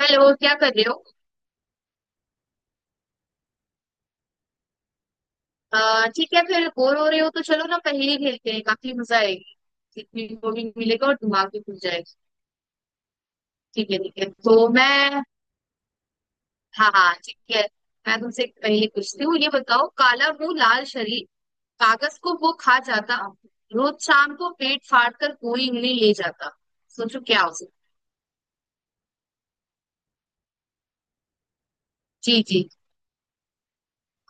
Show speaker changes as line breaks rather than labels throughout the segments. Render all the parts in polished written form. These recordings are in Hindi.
हेलो, क्या कर रहे हो। ठीक है, फिर बोर हो रहे हो तो चलो ना, पहेली खेलते हैं, काफी मजा आएगी। सीखने को भी मिलेगा और दिमाग भी खुल जाएगा। ठीक है, ठीक है तो मैं। हाँ हाँ, ठीक है। मैं तुमसे एक पहेली पूछती हूँ, ये बताओ, काला मुंह लाल शरीर, कागज को वो खा जाता, रोज शाम को पेट फाड़ कर कोई इन्हें ले जाता, सोचो क्या हो सकता। जी जी।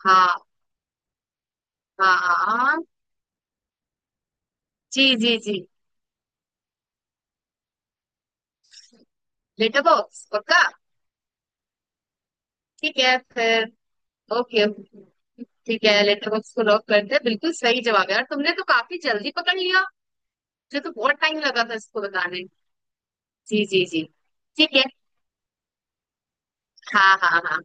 हाँ। हाँ हाँ। जी जी जी। लेटर बॉक्स पक्का। ठीक है फिर। ओके ओके, ठीक है लेटर बॉक्स को लॉक करते हैं, बिल्कुल सही जवाब है यार, तुमने तो काफी जल्दी पकड़ लिया। मुझे तो बहुत टाइम लगा था इसको बताने। जी जी जी। ठीक है। हाँ हाँ हाँ।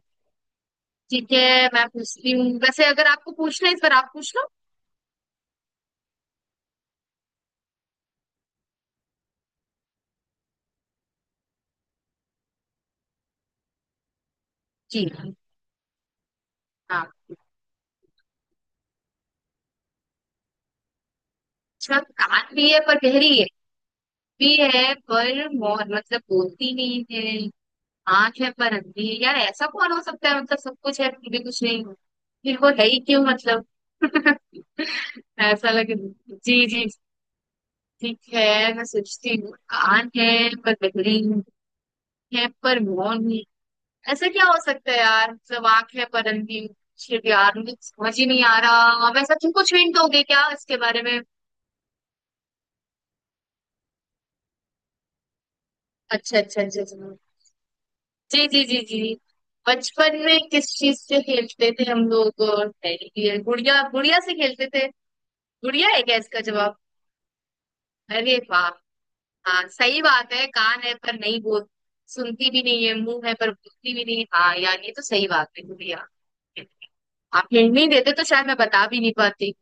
ठीक है, मैं पूछती हूँ, वैसे अगर आपको पूछना है इस बार आप पूछ लो। जी। हाँ। अच्छा, कान भी है पर गहरी है। भी है पर मोहर, मतलब बोलती नहीं है। आंख है पर अंधी है, यार ऐसा कौन हो सकता है, मतलब सब कुछ है फिर भी कुछ नहीं। फिर वो है ही क्यों, मतलब। ऐसा लगे। जी जी। ठीक है मैं सोचती हूँ। आन है, पर बहरीन, है पर मौन है। ऐसा क्या हो सकता है यार, मतलब आंख है पर अंधी। शिट यार, मुझे समझ ही नहीं आ रहा, वैसा तुम कुछ हिंट दोगे क्या इसके बारे में? अच्छा अच्छा अच्छा अच्छा। जी जी जी जी। बचपन में किस चीज से खेलते थे हम लोग? टेडी बियर, गुड़िया, गुड़िया से खेलते थे। गुड़िया है क्या इसका जवाब? अरे वाह। हाँ सही बात है, कान है पर नहीं बोल, सुनती भी नहीं है, मुंह है पर बोलती भी नहीं, हाँ यार ये तो सही बात है गुड़िया। आप हिंट नहीं देते तो शायद मैं बता भी नहीं पाती।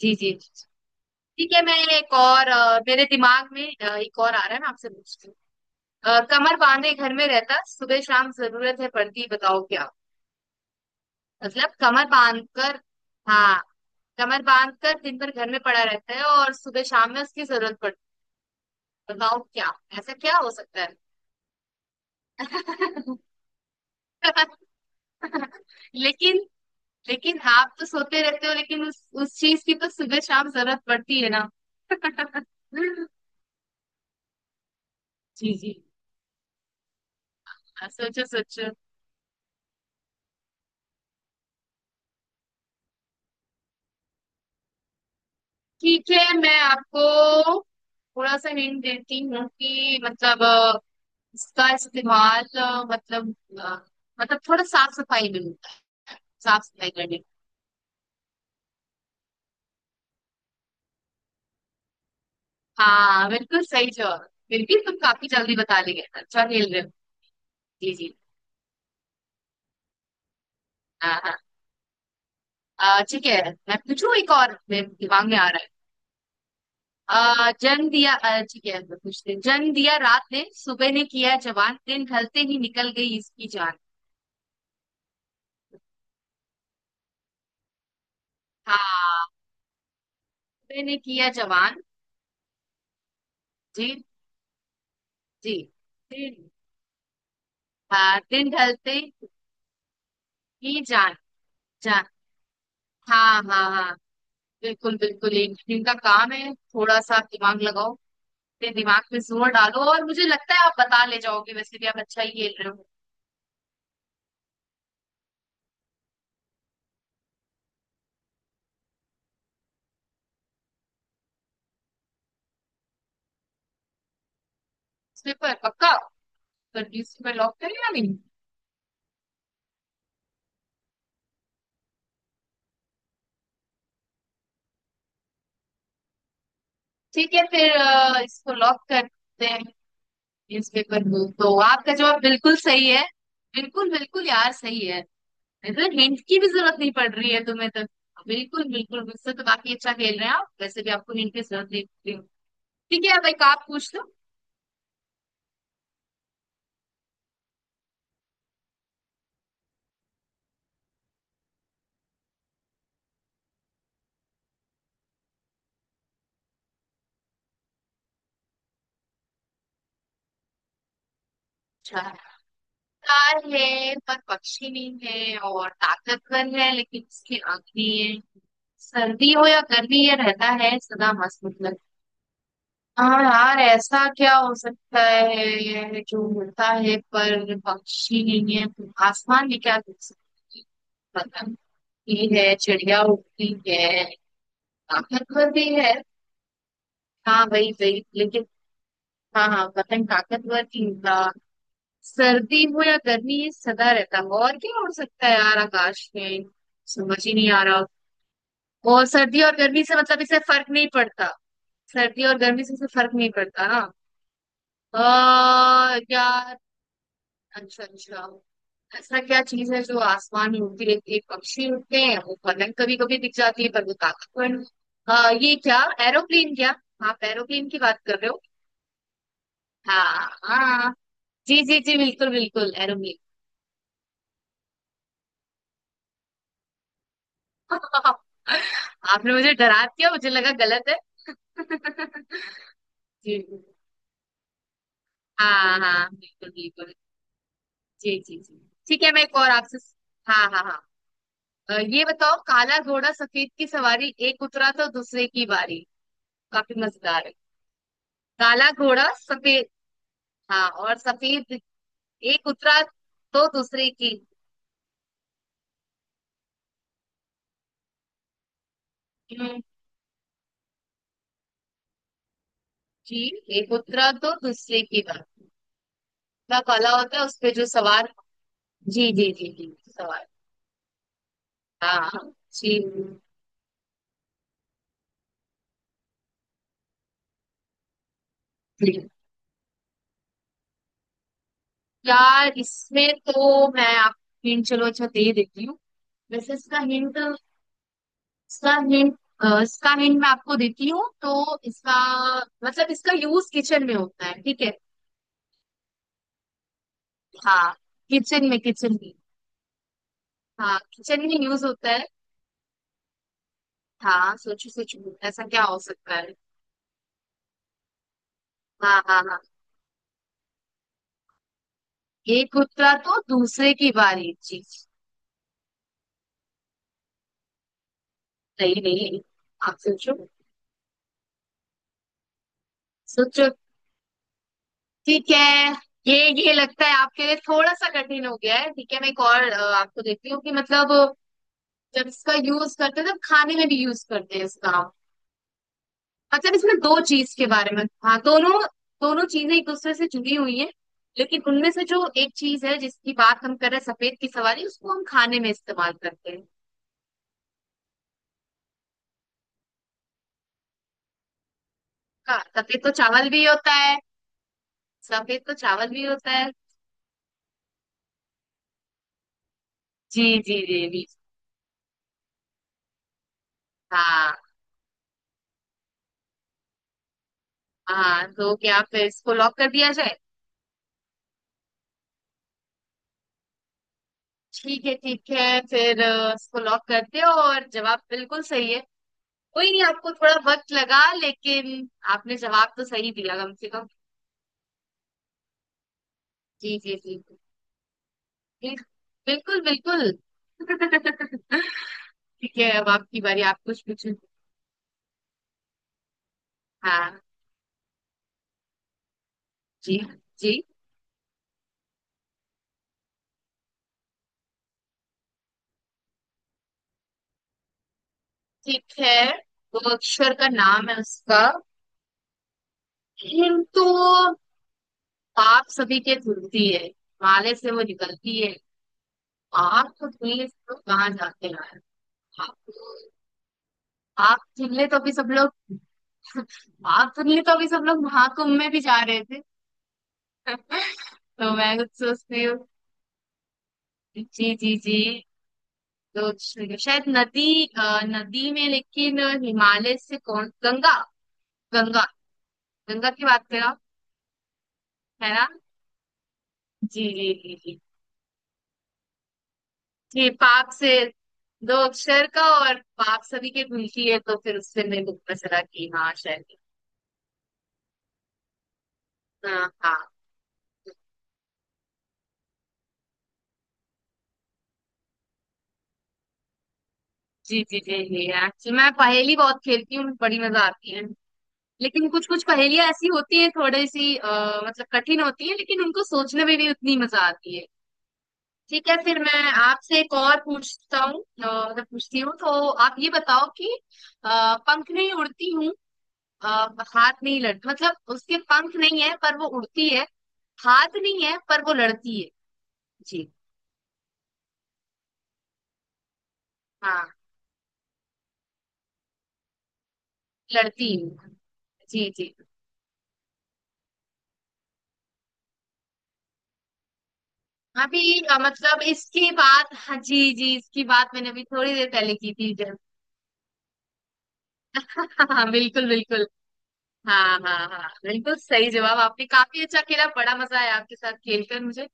जी जी। ठीक है, मैं एक और मेरे दिमाग में एक और आ रहा है, मैं आपसे पूछती हूँ। कमर बांधे घर में रहता, सुबह शाम जरूरत है पड़ती, बताओ क्या। मतलब कमर बांध कर। हाँ। कमर बांध कर दिन भर घर में पड़ा रहता है, और सुबह शाम में उसकी जरूरत पड़ती है। बताओ क्या। ऐसा क्या हो सकता है? लेकिन, लेकिन आप तो सोते रहते हो, लेकिन उस चीज की तो सुबह शाम जरूरत पड़ती है ना। जी जी। हाँ, सोचो सोचो। ठीक है मैं आपको थोड़ा सा हिंट देती हूँ कि मतलब इसका इस्तेमाल मतलब अ, मतलब थोड़ा साफ सफाई में होता है, साफ सफाई करने में। हाँ बिल्कुल सही जवाब। बिल्कुल, तुम काफी जल्दी बता लिए, अच्छा खेल रहे हो। जी जी। हाँ हाँ। ठीक है। मैं पूछूं, एक और मेरे दिमाग में आ रहा है। जन्म दिया ठीक है मैं पूछती हूँ। जन्म दिया रात ने, सुबह ने किया जवान, दिन ढलते ही निकल गई इसकी जान। हाँ। मैंने किया जवान। जी। जी। दिन। हाँ दिन ढलते ही जान। जान। हाँ हाँ हाँ। बिल्कुल बिल्कुल, एक दिन का काम है, थोड़ा सा दिमाग लगाओ। अपने दिमाग पे जोर डालो, और मुझे लगता है आप बता ले जाओगे, वैसे भी आप अच्छा ही खेल रहे हो। इस पर पक्का। पर न्यूज़पेपर लॉक करें या नहीं? ठीक है फिर इसको लॉक करते हैं। न्यूज़पेपर को, तो आपका जवाब बिल्कुल सही है। बिल्कुल बिल्कुल यार, सही है। तो हिंट की भी जरूरत नहीं पड़ रही है तुम्हें तो। बिल्कुल बिल्कुल, मुझसे तो काफी अच्छा खेल रहे हैं आप, वैसे भी आपको हिंट की जरूरत नहीं पड़ रही। ठीक है, अब एक आप पूछ लो। अच्छा। कार है पर पक्षी नहीं है, और ताकतवर है लेकिन उसकी आंख नहीं है। सर्दी हो या गर्मी ये रहता है सदा मस्त, मतलब। हाँ यार ऐसा क्या हो सकता है, जो उड़ता है पर पक्षी नहीं है, तो आसमान में क्या देख सकते हैं? पतंग उड़ती है, चिड़िया उड़ती है। ताकतवर भी है। हाँ वही वही लेकिन। हाँ हाँ, वतन ताकतवर भी होगा। सर्दी हो या गर्मी ये सदा रहता है, और क्या हो सकता है यार आकाश में। समझ ही नहीं आ रहा। और सर्दी और गर्मी से मतलब इसे फर्क नहीं पड़ता। सर्दी और गर्मी से इसे फर्क नहीं पड़ता ना। यार। अच्छा अच्छा। ऐसा क्या चीज है जो आसमान में उड़ती रहती है, पक्षी उड़ते हैं, वो पलंग कभी कभी दिख जाती है पर वो ताकतवर नहीं। ये क्या। एरोप्लेन क्या। आप एरोप्लेन की बात कर रहे हो? हाँ हाँ। जी जी जी, बिल्कुल बिल्कुल, एरोमील। आपने मुझे डरा दिया, मुझे लगा गलत है। जी जी। हाँ हाँ बिल्कुल बिल्कुल। जी जी जी। ठीक है मैं एक और आपसे। हाँ हाँ हाँ। ये बताओ, काला घोड़ा सफेद की सवारी, एक उतरा तो दूसरे की बारी। काफी मजेदार है। काला घोड़ा सफेद। हाँ और सफेद। एक उतरा तो दूसरे की। हम्म, जी। एक उतरा तो दूसरे की बारी का, काला होता है उस पे जो सवार। जी, जी, जी, जी, सवाल। हाँ, हाँ, जी, जी। यार इसमें तो मैं आपको हिंट, चलो अच्छा दे देती हूँ। वैसे इसका हिंट, इसका हिंट, इसका हिंट मैं आपको देती हूँ, तो इसका मतलब, इसका यूज किचन में होता है, ठीक है। हाँ किचन में, किचन में। हाँ किचन में यूज होता है। हाँ सोचो सोचो, ऐसा क्या हो सकता है। हाँ हाँ हाँ। एक उतरा तो दूसरे की बारी। जी। नहीं नहीं। आप सोचो। सोचो। ठीक है। ये ये लगता है आपके लिए थोड़ा सा कठिन हो गया है, ठीक है मैं एक और आपको देती हूँ कि मतलब, जब इसका यूज करते हैं तब खाने में भी यूज करते हैं इसका हम। मतलब इसमें दो चीज के बारे में, हाँ दोनों, दोनों चीजें एक दूसरे से जुड़ी हुई है। लेकिन उनमें से जो एक चीज है जिसकी बात हम कर रहे हैं, सफेद की सवारी, उसको हम खाने में इस्तेमाल करते हैं। हाँ सफेद तो चावल भी होता है। सफेद तो चावल भी होता है। जी जी जी जी। हाँ हाँ। तो क्या फिर इसको लॉक कर दिया जाए? ठीक है फिर इसको लॉक करते हो, और जवाब बिल्कुल सही है। कोई नहीं, आपको थोड़ा वक्त लगा लेकिन, आपने जवाब तो सही दिया कम से कम। जी जी जी जी। बिल्कुल बिल्कुल। ठीक है, अब आपकी बारी आप कुछ पूछो। हाँ जी जी। ठीक है, तो अक्षर का नाम है उसका। किंतु, पाप सभी के धुलती है, माले से वो निकलती है। आप तो धुलने से तो कहाँ जाते हैं। आग धुलने तो अभी सब लोग, आग धुलने तो अभी सब लोग महाकुंभ में भी जा रहे थे। तो मैं कुछ सोचती हूँ। जी जी जी। तो शायद नदी में, लेकिन हिमालय से कौन, गंगा। गंगा। गंगा की बात कर रहा हूँ, है ना? जी जी जी जी, जी पाप से, दो अक्षर का और पाप सभी के मिलती है, तो फिर उससे मेरे को पता चला कि हाँ शायद। हाँ हाँ। जी जी जी जी, एक्चुअली मैं पहेली बहुत खेलती हूँ, बड़ी मजा आती है। लेकिन कुछ कुछ पहेलियां ऐसी होती है, थोड़ी सी मतलब कठिन होती है, लेकिन उनको सोचने में भी उतनी मजा आती है। ठीक है फिर, मैं आपसे एक और पूछता हूँ, मतलब पूछती हूँ, तो आप ये बताओ कि पंख नहीं उड़ती हूँ, अ, हाथ नहीं लड़, मतलब उसके पंख नहीं है पर वो उड़ती है, हाथ नहीं है पर वो लड़ती है। जी। हाँ लड़ती है। जी जी। अभी मतलब इसकी बात, हाँ जी जी, इसकी बात मैंने अभी थोड़ी देर पहले की थी जब। हाँ बिल्कुल बिल्कुल। हाँ हाँ हाँ हाँ, बिल्कुल सही जवाब, आपने काफी अच्छा खेला, बड़ा मजा आया आपके साथ खेलकर मुझे।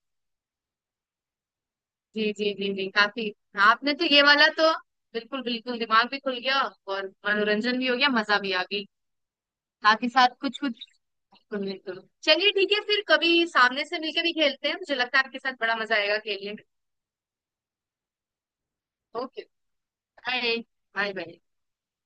जी जी जी जी काफी। हाँ, आपने तो ये वाला तो, बिल्कुल बिल्कुल, दिमाग भी खुल गया, और मनोरंजन भी हो गया, मजा भी आ गई, साथ ही साथ कुछ कुछ। बिल्कुल बिल्कुल, चलिए ठीक है, फिर कभी सामने से मिलकर भी खेलते हैं, मुझे लगता है आपके साथ बड़ा मजा आएगा खेलने में। ओके। बाय। Bye bye.